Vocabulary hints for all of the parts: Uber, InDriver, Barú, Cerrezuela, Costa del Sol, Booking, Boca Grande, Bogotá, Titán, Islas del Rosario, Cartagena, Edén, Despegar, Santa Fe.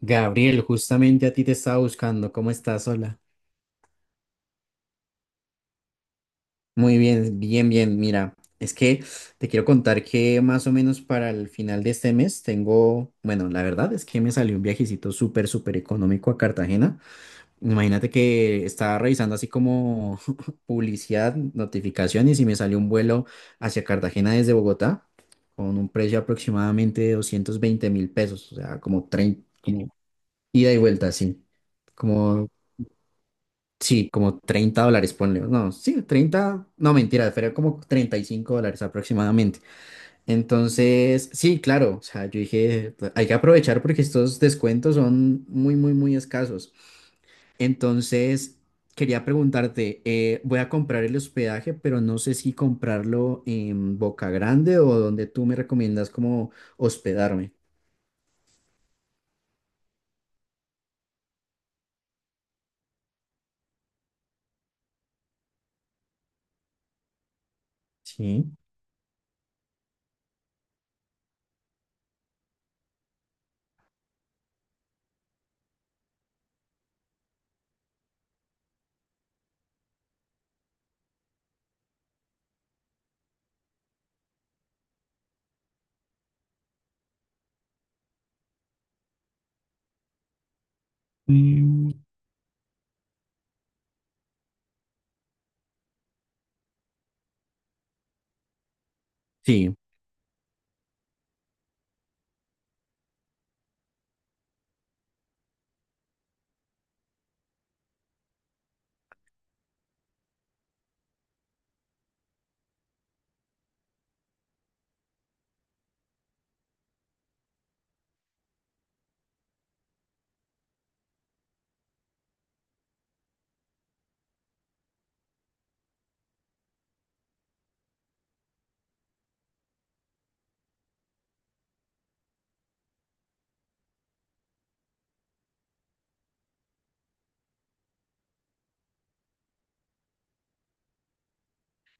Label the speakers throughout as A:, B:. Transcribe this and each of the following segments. A: Gabriel, justamente a ti te estaba buscando. ¿Cómo estás? Hola. Muy bien, bien, bien. Mira, es que te quiero contar que más o menos para el final de este mes tengo, bueno, la verdad es que me salió un viajecito súper, súper económico a Cartagena. Imagínate que estaba revisando así como publicidad, notificaciones y me salió un vuelo hacia Cartagena desde Bogotá con un precio aproximadamente de 220 mil pesos, o sea, como 30 como ida y vuelta, sí. Como Sí, como 30 dólares, ponle. No, sí, 30, no mentira, fue como 35 dólares aproximadamente. Entonces, sí, claro, o sea, yo dije, "Pues, hay que aprovechar porque estos descuentos son muy, muy, muy escasos. Entonces, quería preguntarte, voy a comprar el hospedaje, pero no sé si comprarlo en Boca Grande o donde tú me recomiendas como hospedarme. Sí. Mm, sí,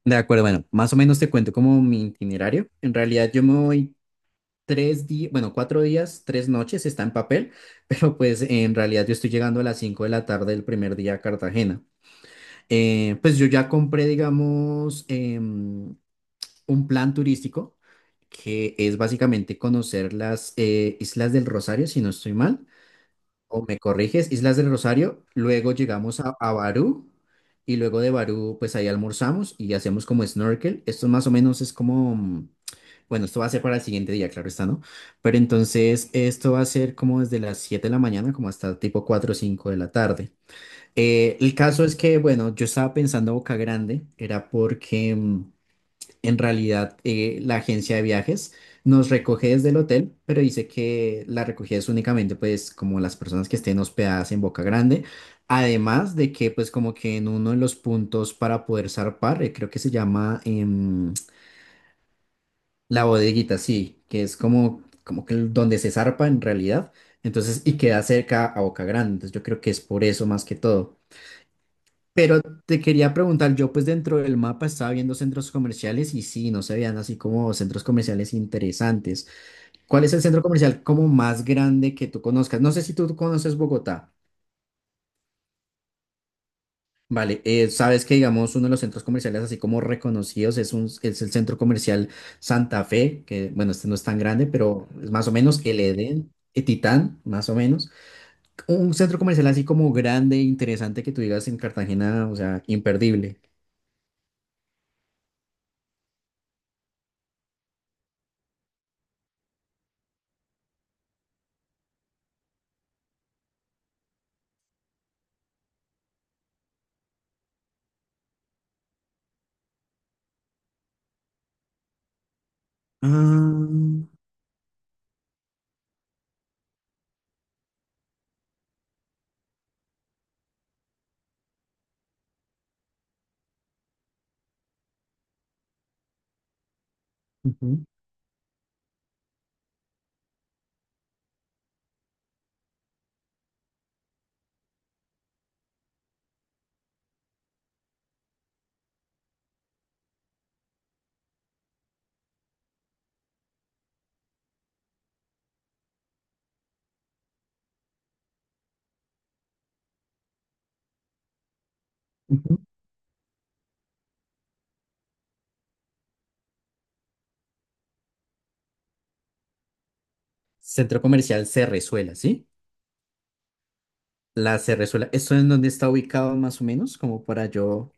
A: de acuerdo. Bueno, más o menos te cuento como mi itinerario. En realidad yo me voy 3 días, bueno, 4 días, 3 noches está en papel, pero pues en realidad yo estoy llegando a las 5 de la tarde del primer día a Cartagena. Pues yo ya compré, digamos, un plan turístico que es básicamente conocer las Islas del Rosario, si no estoy mal, o me corriges, Islas del Rosario, luego llegamos a Barú y luego de Barú pues ahí almorzamos y hacemos como snorkel. Esto más o menos es como, bueno, esto va a ser para el siguiente día, claro está, ¿no? Pero entonces esto va a ser como desde las 7 de la mañana como hasta tipo 4 o 5 de la tarde. El caso es que, bueno, yo estaba pensando Boca Grande, en realidad, la agencia de viajes nos recoge desde el hotel, pero dice que la recogida es únicamente, pues, como las personas que estén hospedadas en Boca Grande. Además de que, pues, como que en uno de los puntos para poder zarpar, creo que se llama la bodeguita, sí, que es donde se zarpa en realidad. Entonces, y queda cerca a Boca Grande. Entonces, yo creo que es por eso más que todo. Pero te quería preguntar, yo pues dentro del mapa estaba viendo centros comerciales y sí, no se veían así como centros comerciales interesantes. ¿Cuál es el centro comercial como más grande que tú conozcas? No sé si tú conoces Bogotá. Vale, sabes que digamos uno de los centros comerciales así como reconocidos es el centro comercial Santa Fe, que bueno, este no es tan grande, pero es más o menos el Edén, Titán, más o menos. Un centro comercial así como grande, interesante que tú digas en Cartagena, o sea, imperdible. Ah, ujú. Ujú. Centro comercial Cerrezuela, ¿sí? La Cerrezuela, ¿esto es donde está ubicado más o menos? Como para yo.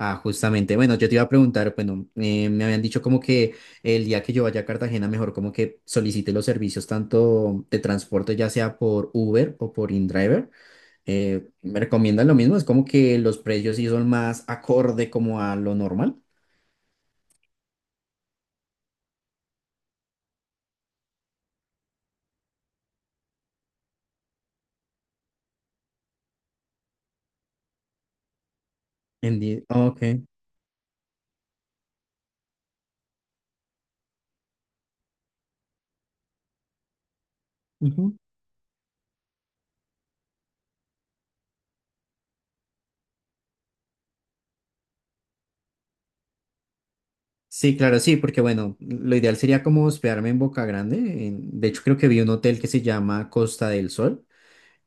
A: Ah, justamente, bueno, yo te iba a preguntar, bueno, me habían dicho como que el día que yo vaya a Cartagena, mejor como que solicite los servicios tanto de transporte, ya sea por Uber o por InDriver. ¿Me recomiendan lo mismo? Es como que los precios sí son más acorde como a lo normal. Ok. Sí, claro, sí, porque bueno, lo ideal sería como hospedarme en Boca Grande. De hecho, creo que vi un hotel que se llama Costa del Sol.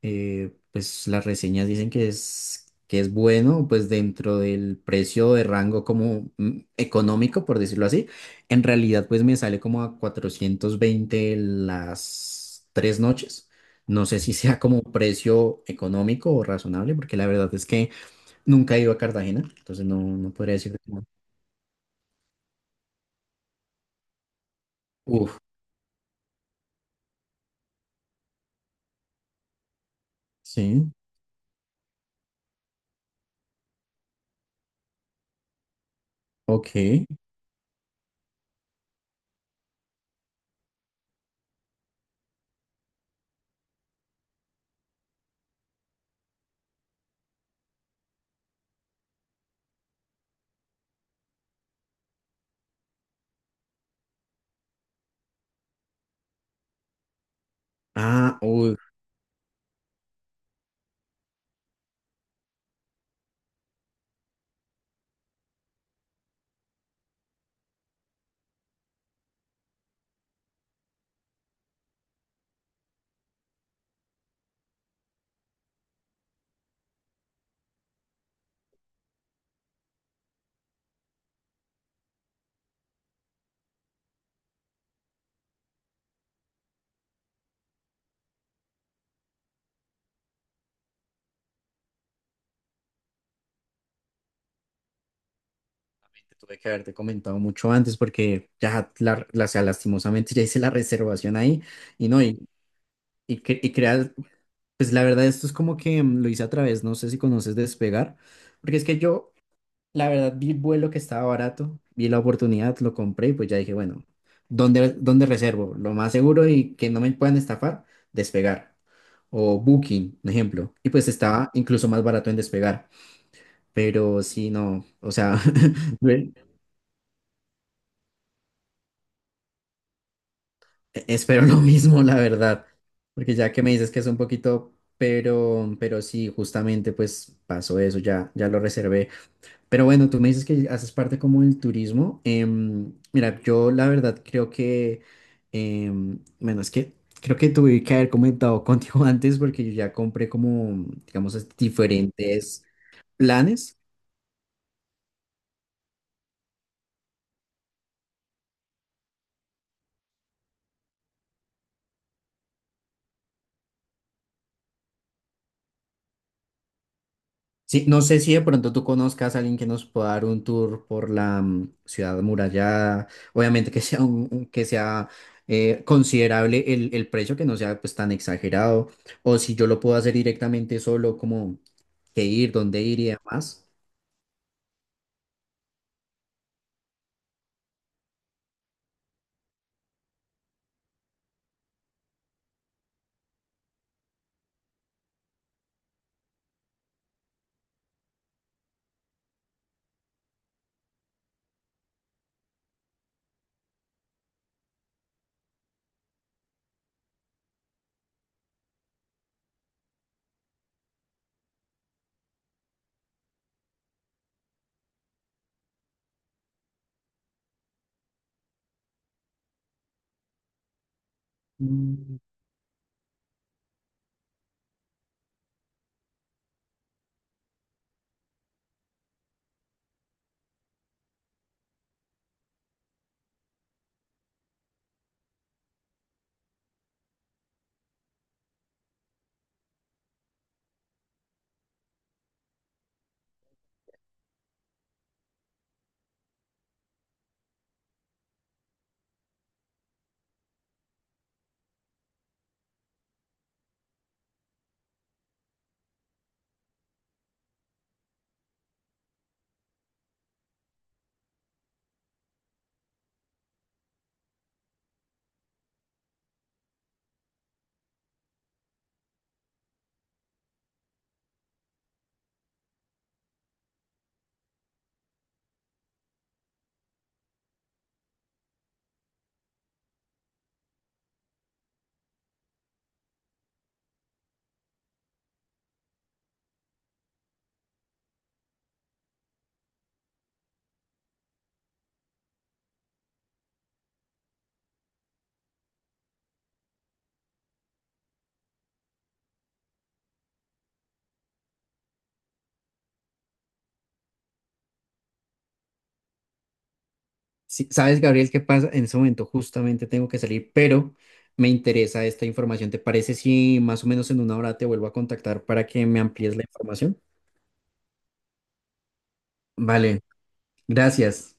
A: Pues las reseñas dicen que que es bueno, pues dentro del precio de rango como económico, por decirlo así. En realidad, pues me sale como a 420 las 3 noches. No sé si sea como precio económico o razonable, porque la verdad es que nunca he ido a Cartagena, entonces no, no podría decir. Uf, sí. Ok. Ah, uy, te tuve que haberte comentado mucho antes porque ya, o sea, lastimosamente ya hice la reservación ahí y no, y creas, pues la verdad esto es como que lo hice a través, no sé si conoces Despegar, porque es que yo, la verdad, vi el vuelo que estaba barato, vi la oportunidad, lo compré y pues ya dije, bueno, ¿dónde reservo? Lo más seguro y que no me puedan estafar, Despegar o Booking, un ejemplo, y pues estaba incluso más barato en Despegar. Pero sí, no, o sea, Ve. Espero lo mismo, la verdad, porque ya que me dices que es un poquito, pero, sí, justamente pues pasó eso, ya lo reservé. Pero bueno, tú me dices que haces parte como del turismo. Mira, yo la verdad creo que, bueno, es que creo que tuve que haber comentado contigo antes porque yo ya compré como, digamos, diferentes planes. Sí, no sé si de pronto tú conozcas a alguien que nos pueda dar un tour por la ciudad amurallada. Obviamente que sea considerable el precio, que no sea pues tan exagerado. O si yo lo puedo hacer directamente solo, como qué ir, dónde ir y demás. Mm, sí, sabes, Gabriel, qué pasa en ese momento, justamente tengo que salir, pero me interesa esta información. ¿Te parece si más o menos en una hora te vuelvo a contactar para que me amplíes la información? Vale, gracias.